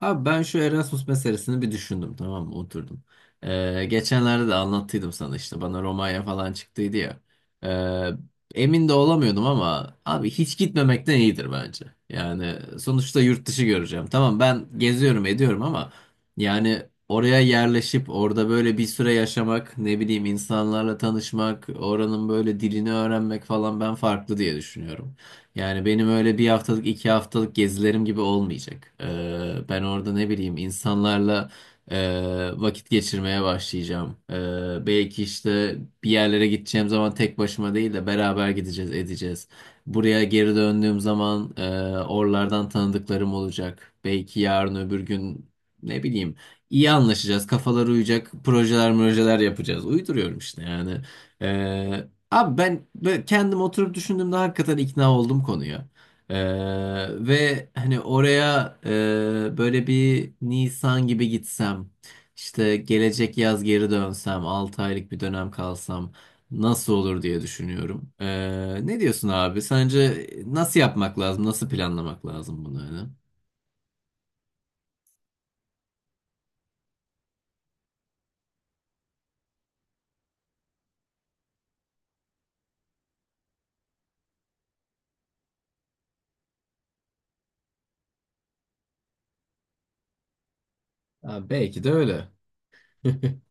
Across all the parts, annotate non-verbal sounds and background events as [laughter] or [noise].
Abi ben şu Erasmus meselesini bir düşündüm, tamam mı? Oturdum. Geçenlerde de anlattıydım sana, işte bana Romanya falan çıktıydı ya. Emin de olamıyordum ama abi hiç gitmemekten iyidir bence. Yani sonuçta yurt dışı göreceğim. Tamam, ben geziyorum ediyorum ama yani oraya yerleşip orada böyle bir süre yaşamak, ne bileyim, insanlarla tanışmak, oranın böyle dilini öğrenmek falan, ben farklı diye düşünüyorum. Yani benim öyle bir haftalık 2 haftalık gezilerim gibi olmayacak. Ben orada, ne bileyim, insanlarla vakit geçirmeye başlayacağım. Belki işte bir yerlere gideceğim zaman tek başıma değil de beraber gideceğiz edeceğiz. Buraya geri döndüğüm zaman oralardan tanıdıklarım olacak. Belki yarın öbür gün, ne bileyim, iyi anlaşacağız, kafalar uyacak, projeler yapacağız. Uyduruyorum işte yani. Ee, Abi ben böyle kendim oturup düşündüğümde hakikaten ikna oldum konuya. Ee, Ve hani oraya böyle bir Nisan gibi gitsem, işte gelecek yaz geri dönsem, 6 aylık bir dönem kalsam nasıl olur diye düşünüyorum. Ne diyorsun abi? Sence nasıl yapmak lazım? Nasıl planlamak lazım bunu, hani? Abi belki de öyle. [laughs]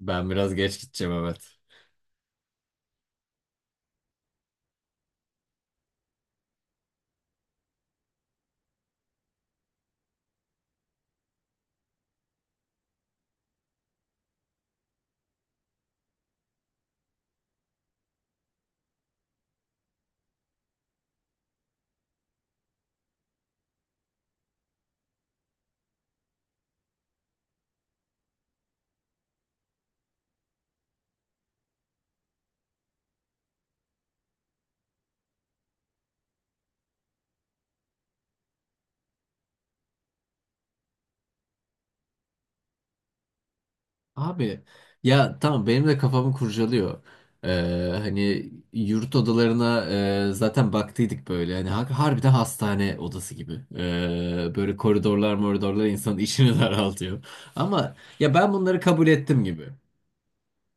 Ben biraz geç gideceğim, evet. Abi ya tamam, benim de kafamı kurcalıyor. Ee, Hani yurt odalarına zaten baktıydık böyle. Hani harbiden hastane odası gibi. Böyle koridorlar moridorlar insanın işini [laughs] daraltıyor. Ama ya ben bunları kabul ettim gibi.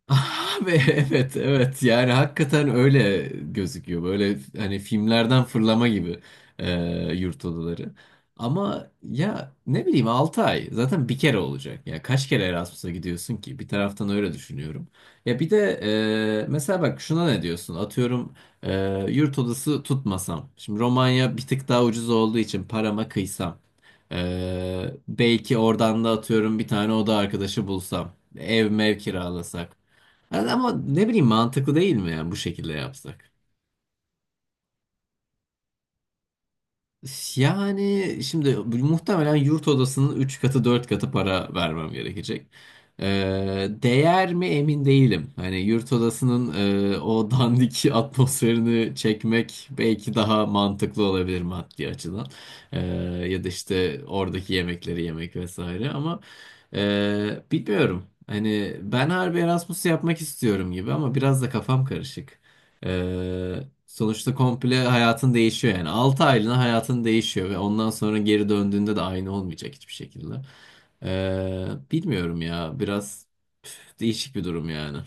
Abi, evet evet, yani hakikaten öyle gözüküyor, böyle hani filmlerden fırlama gibi e, yurt odaları. Ama ya, ne bileyim, 6 ay zaten bir kere olacak ya, kaç kere Erasmus'a gidiyorsun ki? Bir taraftan öyle düşünüyorum. Ya bir de mesela bak şuna ne diyorsun, atıyorum, e, yurt odası tutmasam, şimdi Romanya bir tık daha ucuz olduğu için parama kıysam, belki oradan da, atıyorum, bir tane oda arkadaşı bulsam, ev mev kiralasak. Yani ama, ne bileyim, mantıklı değil mi yani bu şekilde yapsak? Yani şimdi muhtemelen yurt odasının 3 katı 4 katı para vermem gerekecek. Değer mi, emin değilim. Hani yurt odasının o dandik [laughs] atmosferini çekmek belki daha mantıklı olabilir maddi açıdan. Ee, Ya da işte oradaki yemekleri yemek vesaire ama bilmiyorum. Hani ben harbi Erasmus yapmak istiyorum gibi ama biraz da kafam karışık. Ee, Sonuçta komple hayatın değişiyor yani. 6 aylığına hayatın değişiyor ve ondan sonra geri döndüğünde de aynı olmayacak hiçbir şekilde. Bilmiyorum ya, biraz değişik bir durum yani.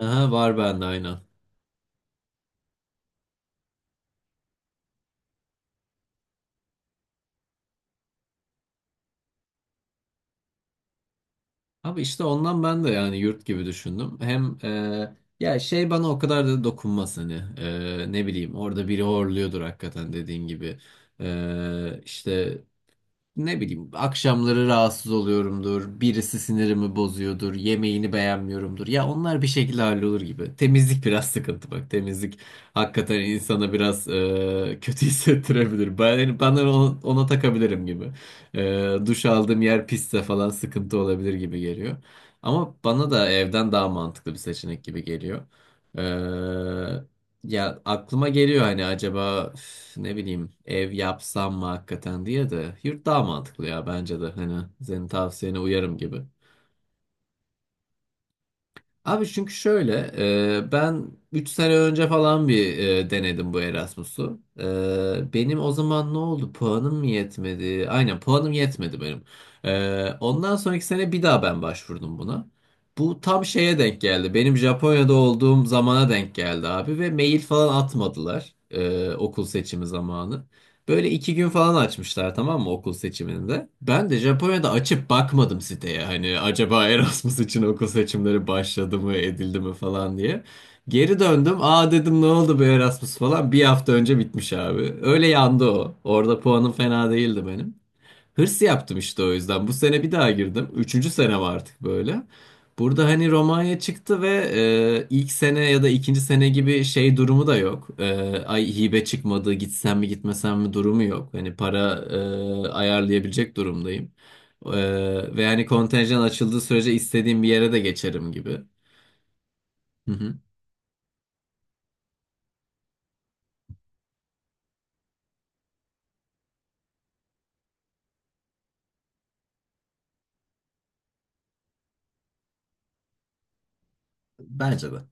Aha, var bende aynen. Abi işte ondan ben de yani yurt gibi düşündüm. Hem ya şey, bana o kadar da dokunmaz hani. Ne bileyim, orada biri horluyordur hakikaten dediğin gibi. İşte ne bileyim, akşamları rahatsız oluyorumdur, birisi sinirimi bozuyordur, yemeğini beğenmiyorumdur. Ya onlar bir şekilde hallolur gibi. Temizlik biraz sıkıntı bak. Temizlik hakikaten insana biraz kötü [laughs] hissettirebilir. Ben, yani ona takabilirim gibi. Duş aldığım yer pisse falan sıkıntı olabilir gibi geliyor. Ama bana da evden daha mantıklı bir seçenek gibi geliyor. Ya aklıma geliyor hani, acaba ne bileyim, ev yapsam mı hakikaten diye de, yurt daha mantıklı ya bence de, hani senin tavsiyene uyarım gibi. Abi çünkü şöyle, ben 3 sene önce falan bir denedim bu Erasmus'u. Benim o zaman ne oldu? Puanım mı yetmedi? Aynen, puanım yetmedi benim. Ondan sonraki sene bir daha ben başvurdum buna. Bu tam şeye denk geldi. Benim Japonya'da olduğum zamana denk geldi abi, ve mail falan atmadılar okul seçimi zamanı. Böyle 2 gün falan açmışlar, tamam mı, okul seçiminde. Ben de Japonya'da açıp bakmadım siteye. Hani acaba Erasmus için okul seçimleri başladı mı edildi mi falan diye. Geri döndüm. Aa, dedim, ne oldu bu Erasmus falan. Bir hafta önce bitmiş abi. Öyle yandı o. Orada puanım fena değildi benim. Hırs yaptım işte o yüzden. Bu sene bir daha girdim. Üçüncü senem artık böyle. Burada hani Romanya çıktı ve ilk sene ya da ikinci sene gibi şey durumu da yok. Ay, hibe çıkmadı, gitsem mi gitmesem mi durumu yok. Hani para ayarlayabilecek durumdayım. E, Ve yani kontenjan açıldığı sürece istediğim bir yere de geçerim gibi. Hı hı. Bence de.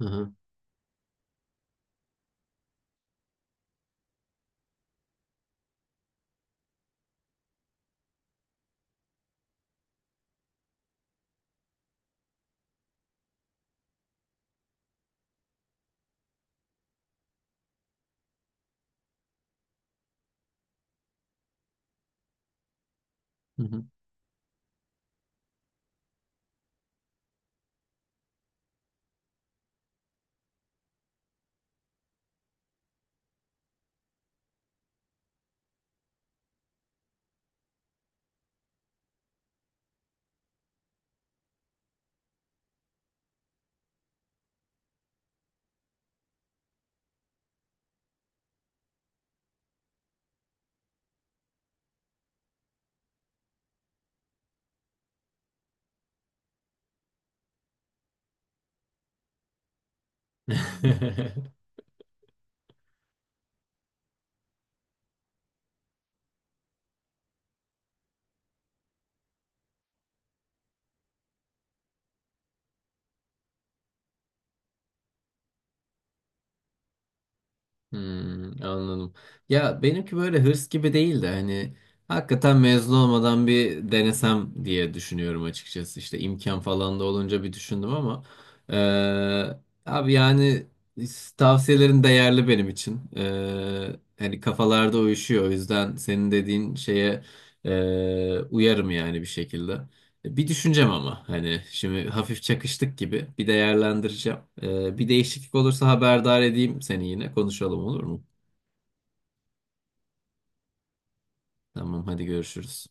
Hı hı. Hı hı. [laughs] Hmm, anladım. Ya benimki böyle hırs gibi değil de hani hakikaten mezun olmadan bir denesem diye düşünüyorum açıkçası. İşte imkan falan da olunca bir düşündüm ama eee, abi yani tavsiyelerin değerli benim için. Hani kafalarda uyuşuyor. O yüzden senin dediğin şeye uyarım yani bir şekilde. Bir düşüneceğim ama hani şimdi hafif çakıştık gibi, bir değerlendireceğim. Bir değişiklik olursa haberdar edeyim seni, yine konuşalım, olur mu? Tamam hadi, görüşürüz.